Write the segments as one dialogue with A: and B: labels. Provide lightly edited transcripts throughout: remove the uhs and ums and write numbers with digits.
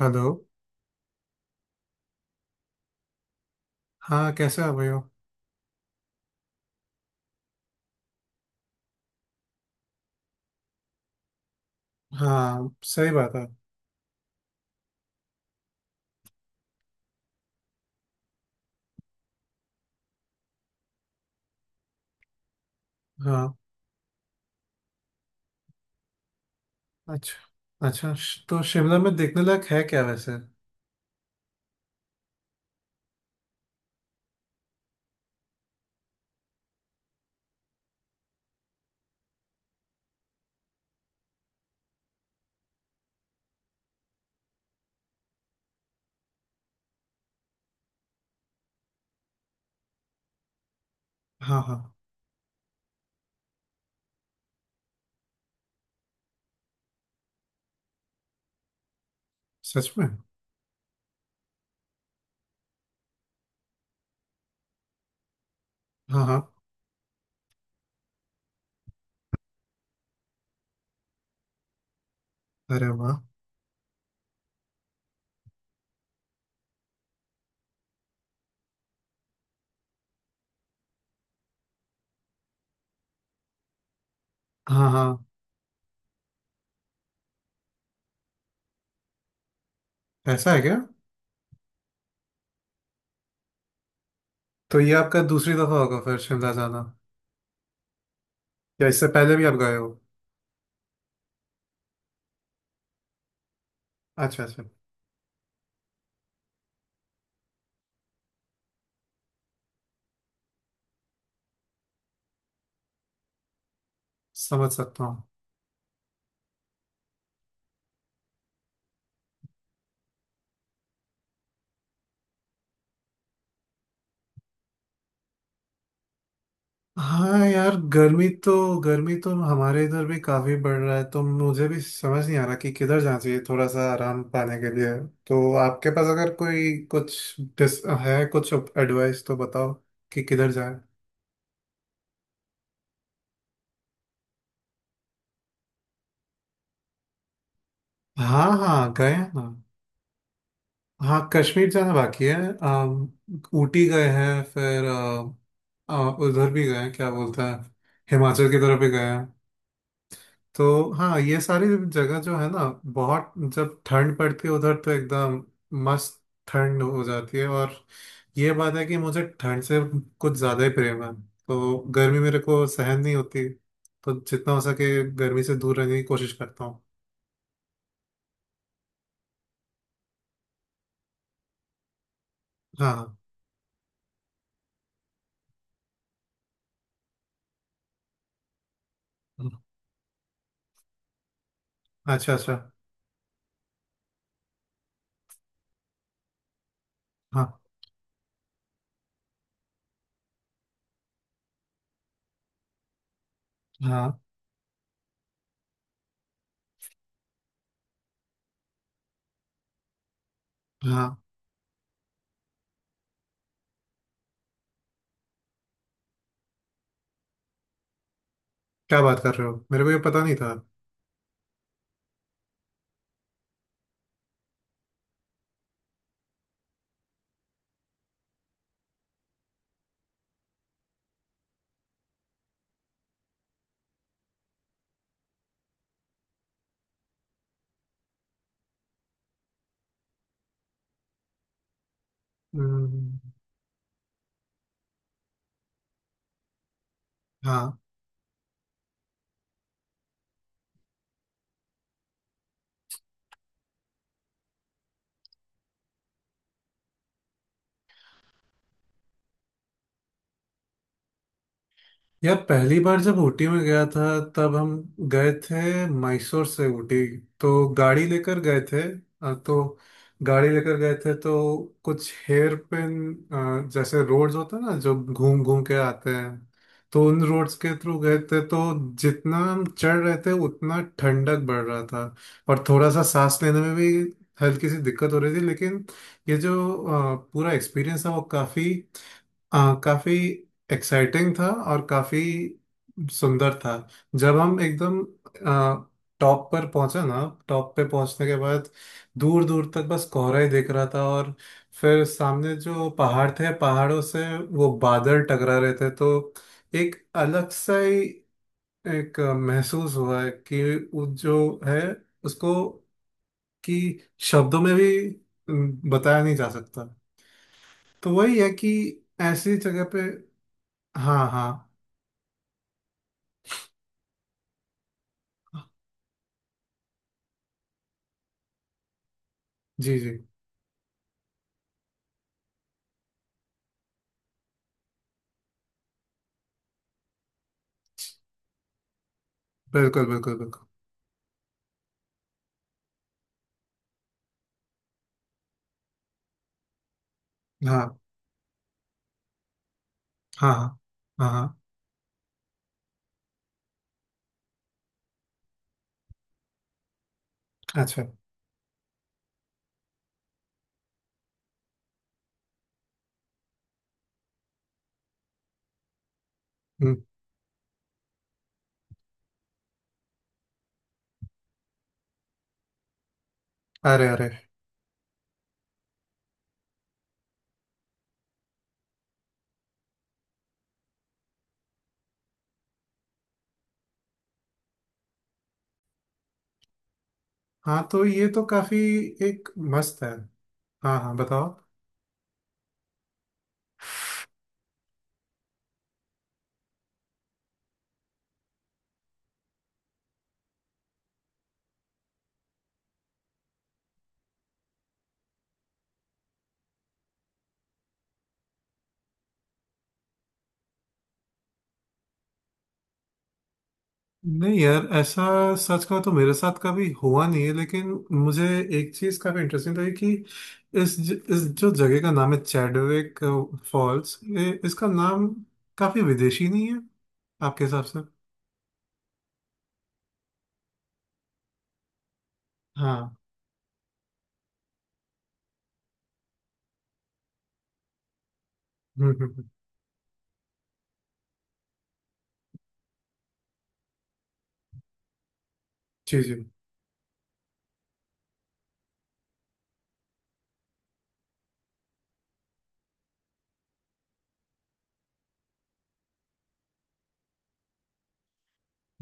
A: Hello. हाँ कैसे हो भाई हो। हाँ सही बात है। हाँ अच्छा अच्छा, तो शिमला में देखने लायक है क्या वैसे? हाँ हाँ। सच में? हाँ हाँ, अरे वाह। हाँ हाँ, ऐसा है क्या? तो ये आपका दूसरी दफा होगा फिर शिमला जाना, या इससे पहले भी आप गए हो? अच्छा अच्छा। समझ सकता हूँ। हाँ यार, गर्मी तो हमारे इधर भी काफी बढ़ रहा है, तो मुझे भी समझ नहीं आ रहा कि किधर जाना चाहिए थोड़ा सा आराम पाने के लिए। तो आपके पास अगर कोई कुछ डिस है कुछ एडवाइस तो बताओ कि किधर जाए। हाँ हाँ गए हैं ना। हाँ कश्मीर जाना बाकी है। अम, ऊटी गए हैं फिर उधर भी गए हैं, क्या बोलते हैं, हिमाचल की तरफ भी गए हैं। तो हाँ ये सारी जगह जो है ना, बहुत जब ठंड पड़ती है उधर तो एकदम मस्त ठंड हो जाती है। और ये बात है कि मुझे ठंड से कुछ ज़्यादा ही प्रेम है, तो गर्मी मेरे को सहन नहीं होती, तो जितना हो सके गर्मी से दूर रहने की कोशिश करता हूँ। हाँ अच्छा अच्छा। हाँ हाँ हाँ, क्या बात कर रहे हो, मेरे को ये पता नहीं था। हम्म। हाँ यार, पहली बार जब ऊटी में गया था तब हम गए थे मैसूर से ऊटी, तो गाड़ी लेकर गए थे। तो गाड़ी लेकर गए थे तो कुछ हेयर पिन जैसे रोड्स होते हैं ना जो घूम घूम के आते हैं, तो उन रोड्स के थ्रू गए थे, तो जितना हम चढ़ रहे थे उतना ठंडक बढ़ रहा था। और थोड़ा सा सांस लेने में भी हल्की सी दिक्कत हो रही थी, लेकिन ये जो पूरा एक्सपीरियंस था वो काफ़ी काफ़ी एक्साइटिंग था और काफ़ी सुंदर था। जब हम एकदम टॉप पर पहुंचे ना, टॉप पे पहुंचने के बाद दूर दूर तक बस कोहरा ही दिख रहा था, और फिर सामने जो पहाड़ थे, पहाड़ों से वो बादल टकरा रहे थे। तो एक अलग सा ही एक महसूस हुआ है कि वो जो है उसको कि शब्दों में भी बताया नहीं जा सकता। तो वही है कि ऐसी जगह पे। हाँ हाँ। जी जी, बिल्कुल बिल्कुल बिल्कुल। हाँ हाँ हाँ हाँ हाँ। अच्छा। हम्म। अरे अरे। हाँ तो ये तो काफी एक मस्त है। हाँ हाँ बताओ। नहीं यार, ऐसा सच का तो मेरे साथ कभी हुआ नहीं है, लेकिन मुझे एक चीज काफी इंटरेस्टिंग लगी कि इस जो जगह का नाम है चैडविक फॉल्स, ये इसका नाम काफी विदेशी नहीं है आपके हिसाब से? हाँ हम्म। जी जी।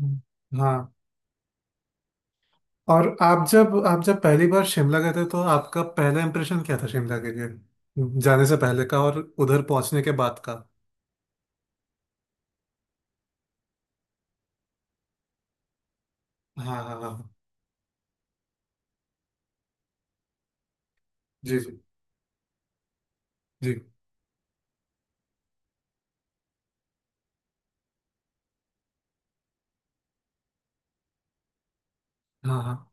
A: हम्म। हाँ। और आप जब पहली बार शिमला गए थे तो आपका पहला इंप्रेशन क्या था शिमला के लिए, जाने से पहले का और उधर पहुंचने के बाद का? हाँ हाँ हाँ। जी जी। जी। हाँ हाँ।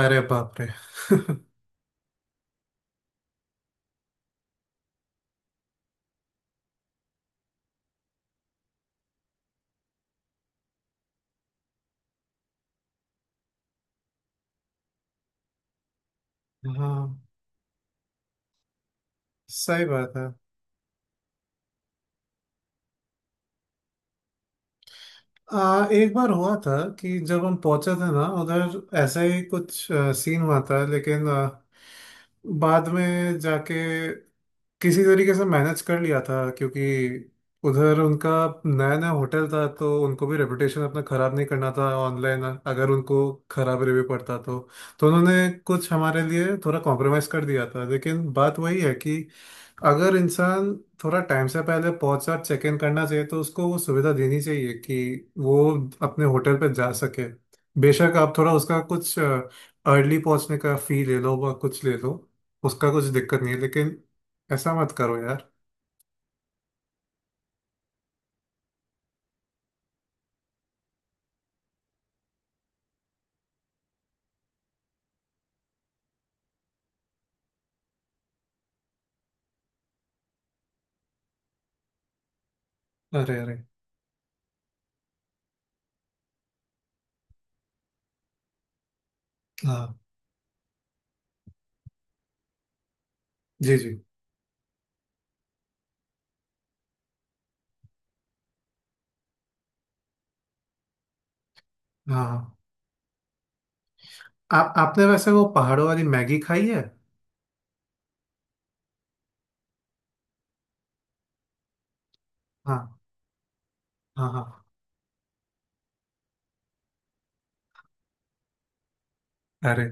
A: अरे बाप रे हाँ सही बात है। एक बार हुआ था कि जब हम पहुंचे थे ना उधर ऐसा ही कुछ सीन हुआ था, लेकिन बाद में जाके किसी तरीके से मैनेज कर लिया था, क्योंकि उधर उनका नया नया होटल था, तो उनको भी रेपुटेशन अपना खराब नहीं करना था ऑनलाइन। अगर उनको खराब रिव्यू पड़ता तो उन्होंने कुछ हमारे लिए थोड़ा कॉम्प्रोमाइज़ कर दिया था। लेकिन बात वही है कि अगर इंसान थोड़ा टाइम से पहले पहुंच कर चेक इन करना चाहिए तो उसको वो सुविधा देनी चाहिए कि वो अपने होटल पे जा सके। बेशक आप थोड़ा उसका कुछ अर्ली पहुंचने का फी ले लो व कुछ ले लो, उसका कुछ दिक्कत नहीं है, लेकिन ऐसा मत करो यार। अरे अरे। हाँ जी जी। हाँ हाँ। आप आपने वैसे वो पहाड़ों वाली मैगी खाई है? हाँ हाँ हाँ। अरे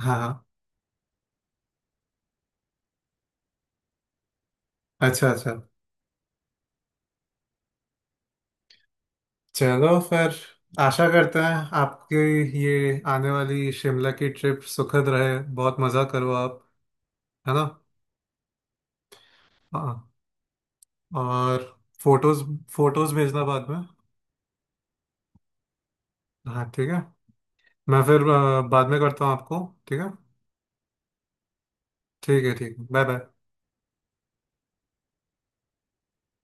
A: हाँ हाँ। अच्छा अच्छा। चलो फिर, आशा करते हैं आपकी ये आने वाली शिमला की ट्रिप सुखद रहे, बहुत मज़ा करो आप, है ना? हाँ हाँ। और फोटोज फोटोज भेजना बाद में। हाँ ठीक है। मैं फिर बाद में करता हूँ आपको, ठीक है? ठीक है ठीक है, बाय बाय।